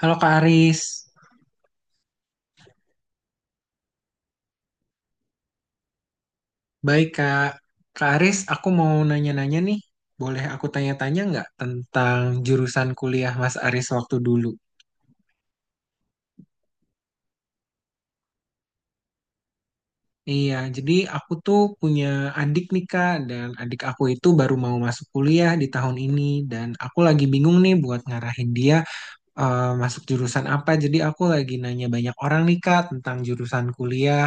Halo Kak Aris, baik Kak. Kak Aris, aku mau nanya-nanya nih. Boleh aku tanya-tanya nggak tentang jurusan kuliah Mas Aris waktu dulu? Iya, jadi aku tuh punya adik nih Kak, dan adik aku itu baru mau masuk kuliah di tahun ini, dan aku lagi bingung nih buat ngarahin dia masuk jurusan apa. Jadi aku lagi nanya banyak orang nih Kak tentang jurusan kuliah.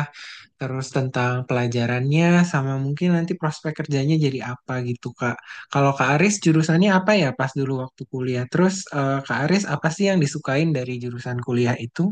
Terus tentang pelajarannya sama mungkin nanti prospek kerjanya jadi apa gitu Kak. Kalau Kak Aris jurusannya apa ya pas dulu waktu kuliah? Terus Kak Aris apa sih yang disukain dari jurusan kuliah itu?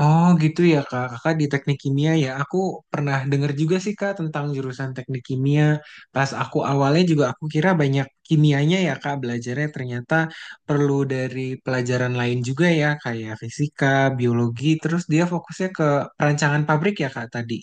Oh gitu ya Kak, Kakak di teknik kimia ya. Aku pernah denger juga sih Kak tentang jurusan teknik kimia. Pas aku awalnya juga aku kira banyak kimianya ya Kak belajarnya ternyata perlu dari pelajaran lain juga ya kayak fisika, biologi. Terus dia fokusnya ke perancangan pabrik ya Kak tadi.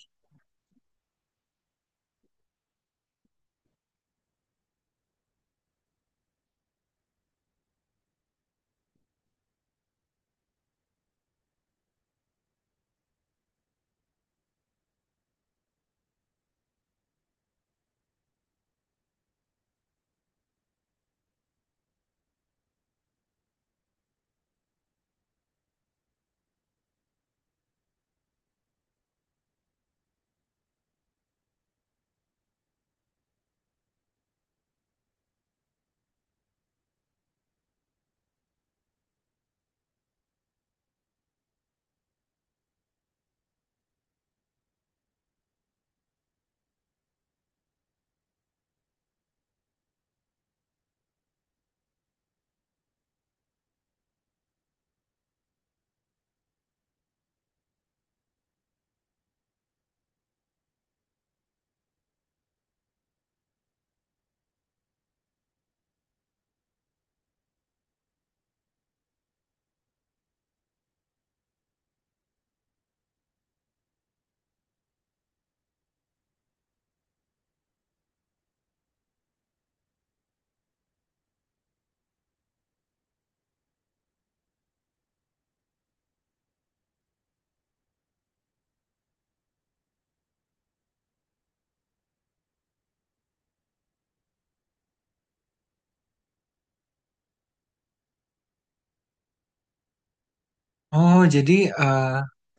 Oh, jadi eh,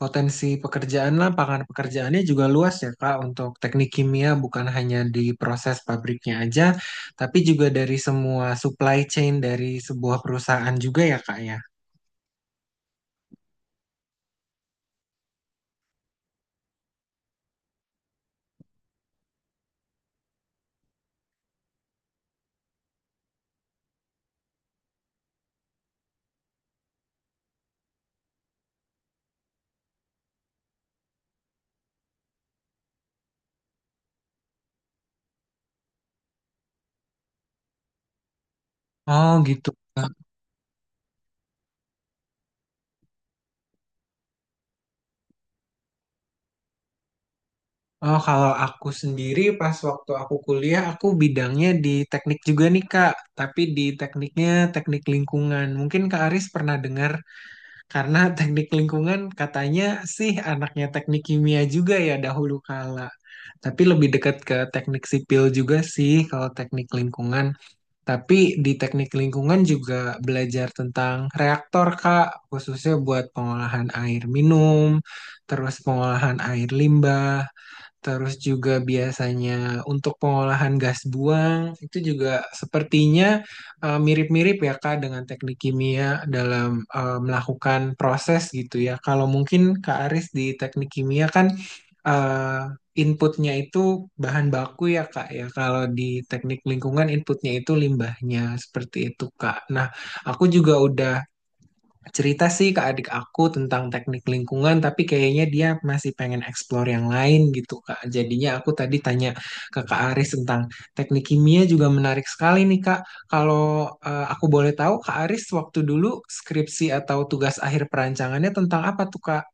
potensi pekerjaan lapangan pekerjaannya juga luas ya, Kak, untuk teknik kimia bukan hanya di proses pabriknya aja, tapi juga dari semua supply chain dari sebuah perusahaan juga ya, Kak, ya. Oh, gitu. Kak. Oh, kalau aku sendiri pas waktu aku kuliah, aku bidangnya di teknik juga nih, Kak, tapi di tekniknya teknik lingkungan. Mungkin Kak Aris pernah dengar karena teknik lingkungan katanya sih anaknya teknik kimia juga ya dahulu kala. Tapi lebih dekat ke teknik sipil juga sih kalau teknik lingkungan. Tapi di teknik lingkungan juga belajar tentang reaktor, Kak, khususnya buat pengolahan air minum, terus pengolahan air limbah. Terus juga biasanya untuk pengolahan gas buang itu juga sepertinya mirip-mirip ya Kak dengan teknik kimia dalam melakukan proses gitu ya. Kalau mungkin Kak Aris di teknik kimia kan eh, inputnya itu bahan baku ya Kak ya. Kalau di teknik lingkungan inputnya itu limbahnya seperti itu Kak. Nah, aku juga udah cerita sih ke adik aku tentang teknik lingkungan, tapi kayaknya dia masih pengen explore yang lain gitu, Kak. Jadinya aku tadi tanya ke Kak Aris tentang teknik kimia juga menarik sekali nih, Kak. Kalau aku boleh tahu, Kak Aris waktu dulu skripsi atau tugas akhir perancangannya tentang apa tuh, Kak?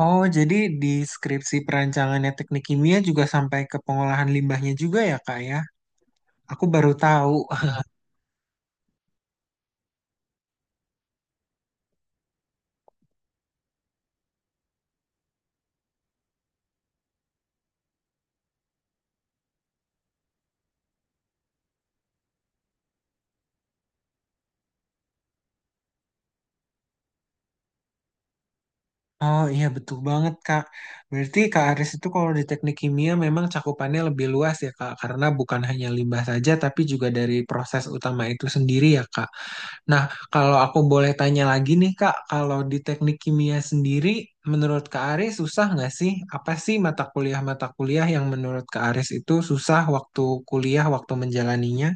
Oh, jadi di skripsi perancangannya teknik kimia juga sampai ke pengolahan limbahnya juga ya, Kak ya? Aku baru tahu. Oh iya betul banget Kak. Berarti Kak Aris itu kalau di teknik kimia memang cakupannya lebih luas ya Kak, karena bukan hanya limbah saja tapi juga dari proses utama itu sendiri ya Kak. Nah, kalau aku boleh tanya lagi nih Kak, kalau di teknik kimia sendiri menurut Kak Aris susah nggak sih? Apa sih mata kuliah-mata kuliah yang menurut Kak Aris itu susah waktu kuliah, waktu menjalaninya?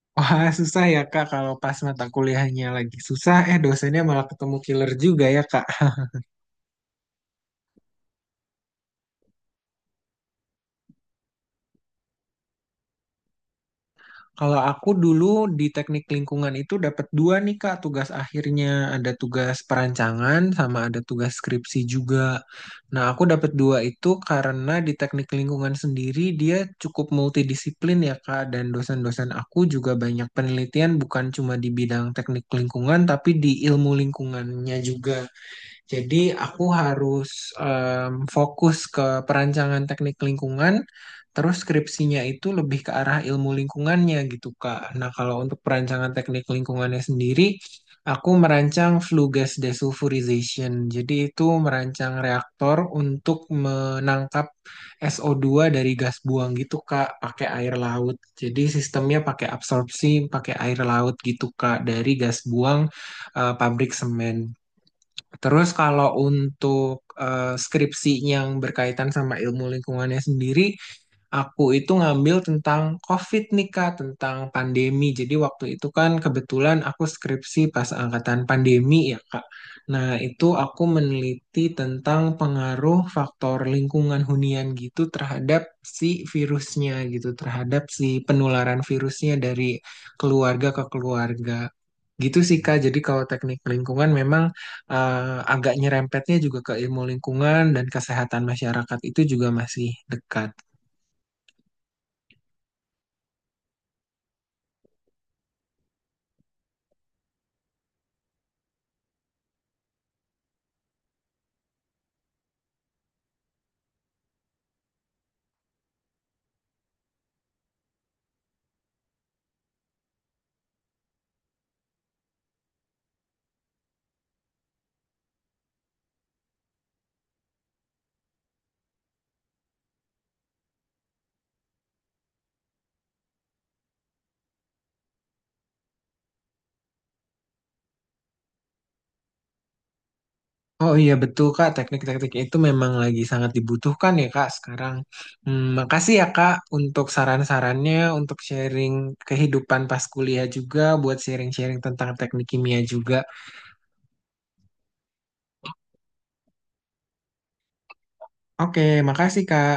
Wah, susah ya Kak kalau pas mata kuliahnya lagi susah, eh dosennya malah ketemu killer juga ya Kak. Kalau aku dulu di teknik lingkungan itu dapat dua nih Kak tugas akhirnya. Ada tugas perancangan sama ada tugas skripsi juga. Nah aku dapat dua itu karena di teknik lingkungan sendiri dia cukup multidisiplin ya Kak. Dan dosen-dosen aku juga banyak penelitian bukan cuma di bidang teknik lingkungan tapi di ilmu lingkungannya juga. Jadi aku harus fokus ke perancangan teknik lingkungan, terus skripsinya itu lebih ke arah ilmu lingkungannya gitu Kak. Nah kalau untuk perancangan teknik lingkungannya sendiri, aku merancang flue gas desulfurization. Jadi itu merancang reaktor untuk menangkap SO2 dari gas buang gitu Kak, pakai air laut. Jadi sistemnya pakai absorpsi, pakai air laut gitu Kak, dari gas buang pabrik semen. Terus kalau untuk skripsi yang berkaitan sama ilmu lingkungannya sendiri, aku itu ngambil tentang COVID nih Kak, tentang pandemi. Jadi waktu itu kan kebetulan aku skripsi pas angkatan pandemi ya Kak. Nah itu aku meneliti tentang pengaruh faktor lingkungan hunian gitu terhadap si virusnya gitu, terhadap si penularan virusnya dari keluarga ke keluarga. Gitu sih Kak, jadi kalau teknik lingkungan memang agak nyerempetnya juga ke ilmu lingkungan dan kesehatan masyarakat itu juga masih dekat. Oh iya betul Kak, teknik-teknik itu memang lagi sangat dibutuhkan ya Kak sekarang. Hmm, makasih ya Kak untuk saran-sarannya, untuk sharing kehidupan pas kuliah juga, buat sharing-sharing tentang teknik kimia juga. Oke, makasih Kak.